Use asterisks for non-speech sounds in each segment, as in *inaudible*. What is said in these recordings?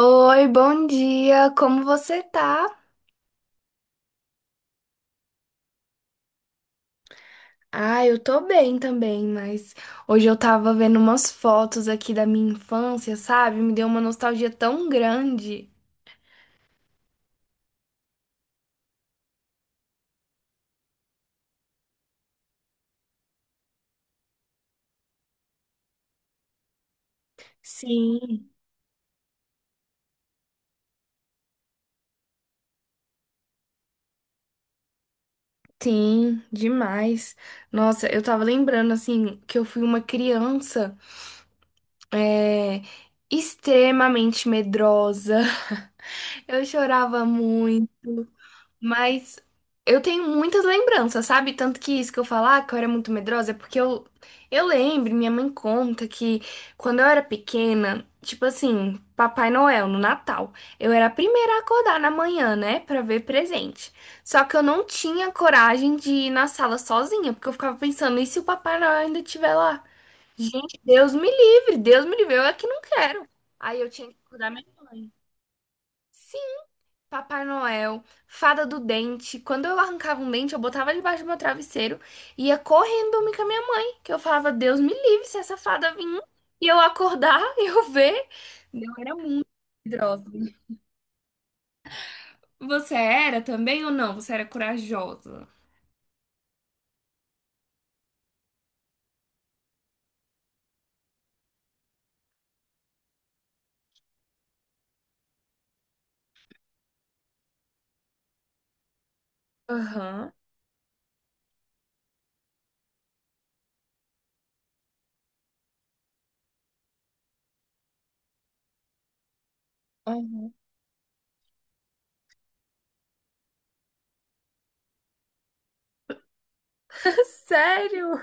Oi, bom dia, como você tá? Ah, eu tô bem também, mas hoje eu tava vendo umas fotos aqui da minha infância, sabe? Me deu uma nostalgia tão grande. Sim. Sim, demais. Nossa, eu tava lembrando, assim, que eu fui uma criança, é, extremamente medrosa. *laughs* Eu chorava muito. Mas eu tenho muitas lembranças, sabe? Tanto que isso que eu falar que eu era muito medrosa é porque eu lembro, minha mãe conta que quando eu era pequena, tipo assim, Papai Noel no Natal, eu era a primeira a acordar na manhã, né, pra ver presente. Só que eu não tinha coragem de ir na sala sozinha, porque eu ficava pensando, e se o Papai Noel ainda estiver lá? Gente, Deus me livre, eu é que não quero. Aí eu tinha que acordar minha mãe. Papai Noel, Fada do Dente. Quando eu arrancava um dente, eu botava debaixo do meu travesseiro e ia correndo dormir com a minha mãe, que eu falava, Deus me livre se essa fada vir e eu acordar *laughs* e eu ver. Eu era muito medrosa. Você era também ou não? Você era corajosa? Aham. Uhum. *laughs* Sério?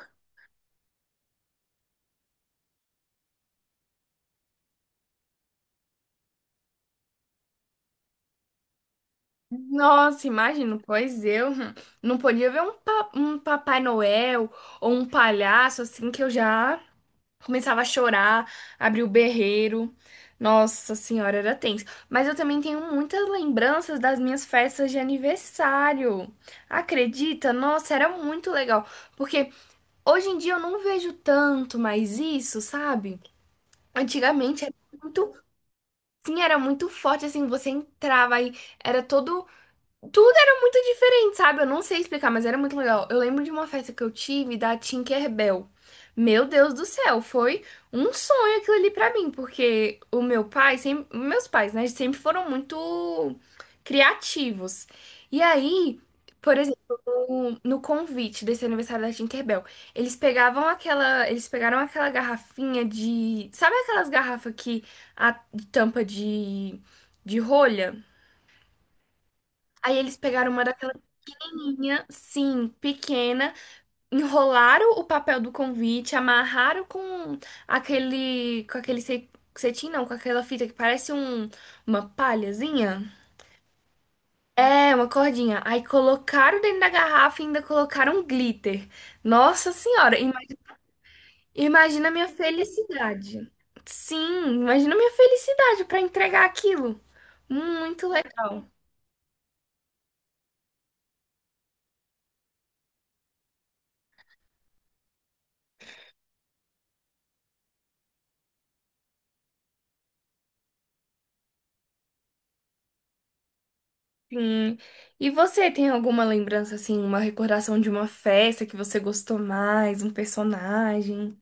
Nossa, imagino, pois eu não podia ver um, um Papai Noel ou um palhaço assim que eu já começava a chorar, abria o berreiro. Nossa senhora, era tenso. Mas eu também tenho muitas lembranças das minhas festas de aniversário. Acredita? Nossa, era muito legal. Porque hoje em dia eu não vejo tanto mais isso, sabe? Antigamente era muito. Sim, era muito forte, assim, você entrava aí, era todo tudo era muito diferente, sabe? Eu não sei explicar, mas era muito legal. Eu lembro de uma festa que eu tive da Tinkerbell. Meu Deus do céu, foi um sonho aquilo ali pra mim, porque o meu pai, sempre, meus pais, né, sempre foram muito criativos. E aí, por exemplo, no convite desse aniversário da Tinkerbell, eles pegaram aquela garrafinha de, sabe aquelas garrafas que a tampa de rolha? Aí eles pegaram uma daquelas minha, sim, pequena. Enrolaram o papel do convite, amarraram com aquele cetim, não, com aquela fita que parece um, uma palhazinha. É, uma cordinha. Aí colocaram dentro da garrafa e ainda colocaram um glitter. Nossa Senhora, imagina a minha felicidade. Sim, imagina a minha felicidade para entregar aquilo. Muito legal. Sim. E você tem alguma lembrança, assim, uma recordação de uma festa que você gostou mais, um personagem?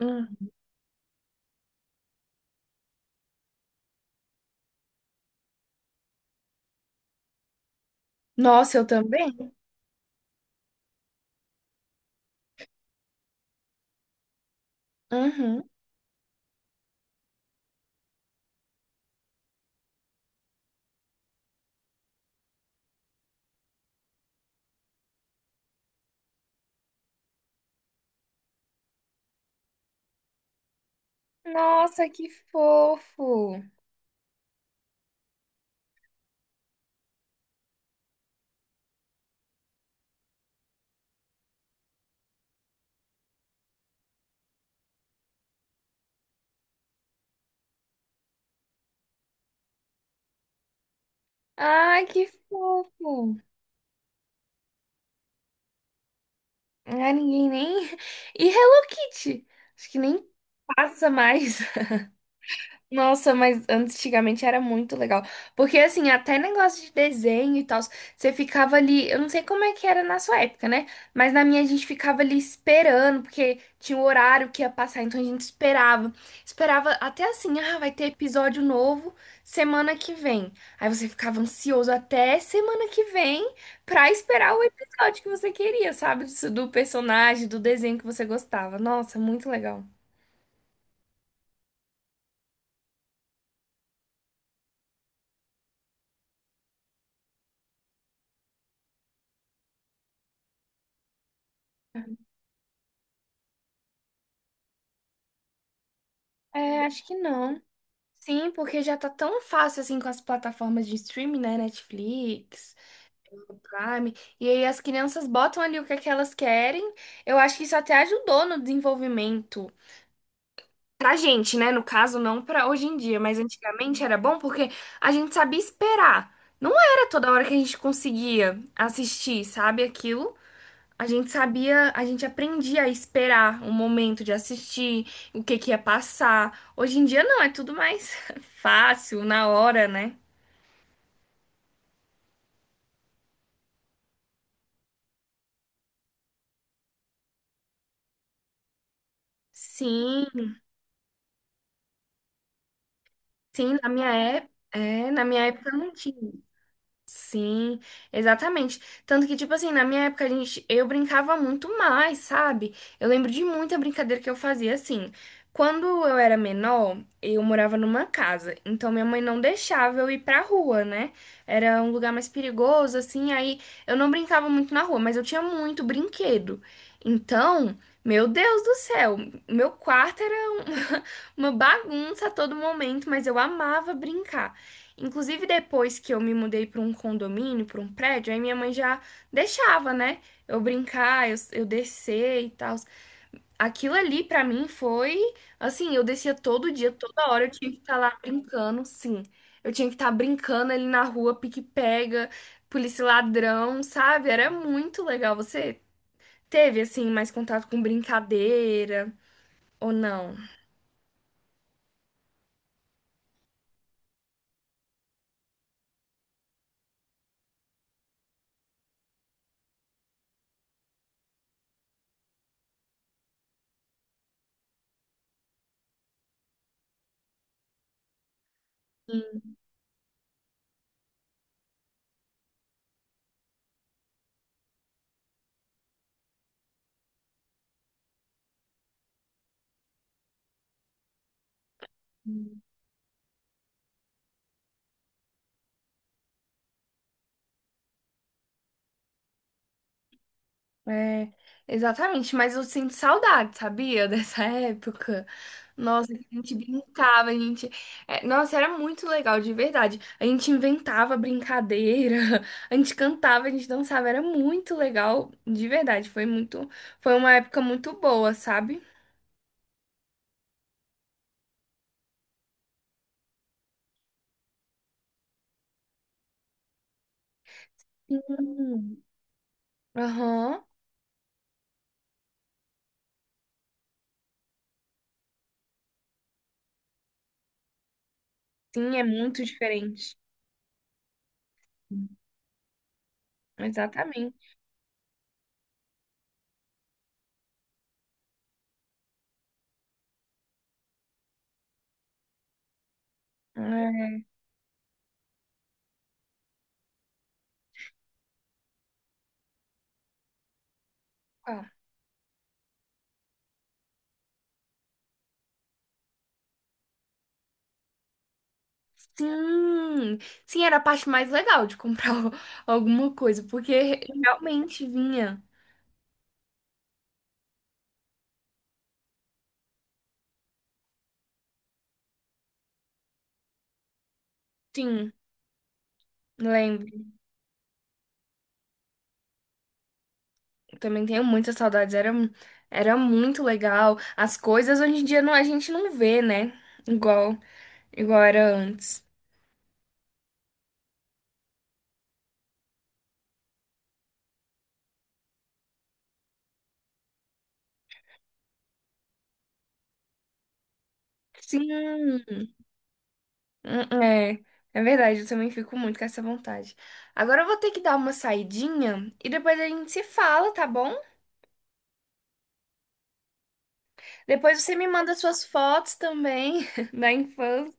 Hum. Nossa, eu também? Uhum. Nossa, que fofo! Ai, que fofo! Ai, ninguém nem. *laughs* E Hello Kitty? Acho que nem passa mais. Nossa, mas antigamente era muito legal. Porque, assim, até negócio de desenho e tal, você ficava ali. Eu não sei como é que era na sua época, né? Mas na minha a gente ficava ali esperando, porque tinha o horário que ia passar, então a gente esperava. Esperava até assim, ah, vai ter episódio novo semana que vem. Aí você ficava ansioso até semana que vem pra esperar o episódio que você queria, sabe? Do personagem, do desenho que você gostava. Nossa, muito legal. É, acho que não. Sim, porque já tá tão fácil assim com as plataformas de streaming, né? Netflix, Prime. E aí as crianças botam ali o que é que elas querem. Eu acho que isso até ajudou no desenvolvimento. Pra gente, né? No caso, não pra hoje em dia, mas antigamente era bom porque a gente sabia esperar. Não era toda hora que a gente conseguia assistir, sabe? Aquilo. A gente sabia, a gente aprendia a esperar o momento de assistir, o que que ia passar. Hoje em dia não, é tudo mais *laughs* fácil, na hora, né? Sim, sim, na minha época, na minha época não tinha. Sim, exatamente. Tanto que, tipo assim, na minha época, eu brincava muito mais, sabe? Eu lembro de muita brincadeira que eu fazia assim. Quando eu era menor, eu morava numa casa, então minha mãe não deixava eu ir pra rua, né? Era um lugar mais perigoso, assim, aí eu não brincava muito na rua, mas eu tinha muito brinquedo. Então, meu Deus do céu, meu quarto era *laughs* uma bagunça a todo momento, mas eu amava brincar. Inclusive, depois que eu me mudei para um condomínio, para um prédio, aí minha mãe já deixava, né? Eu brincar, eu descer e tal. Aquilo ali para mim foi assim, eu descia todo dia, toda hora eu tinha que estar lá brincando, sim. Eu tinha que estar brincando ali na rua, pique-pega, polícia e ladrão, sabe? Era muito legal. Você teve assim mais contato com brincadeira ou não? É, exatamente, mas eu sinto saudade, sabia? *laughs* Dessa época. Nossa, a gente brincava, a gente. É, nossa, era muito legal, de verdade. A gente inventava brincadeira, *laughs* a gente cantava, a gente dançava, era muito legal, de verdade. Foi muito. Foi uma época muito boa, sabe? Sim. Aham. Sim, é muito diferente. Exatamente. É. Tá. Sim, sim, era a parte mais legal de comprar *laughs* alguma coisa, porque realmente vinha. Sim, lembro. Também tenho muitas saudades. Era, era muito legal. As coisas hoje em dia não, a gente não vê, né? Igual, igual era antes. Sim, é, é verdade. Eu também fico muito com essa vontade. Agora eu vou ter que dar uma saidinha e depois a gente se fala, tá bom? Depois você me manda suas fotos também *laughs* da infância.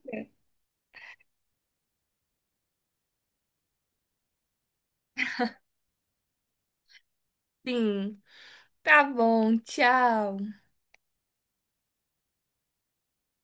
Sim. Tá bom, tchau.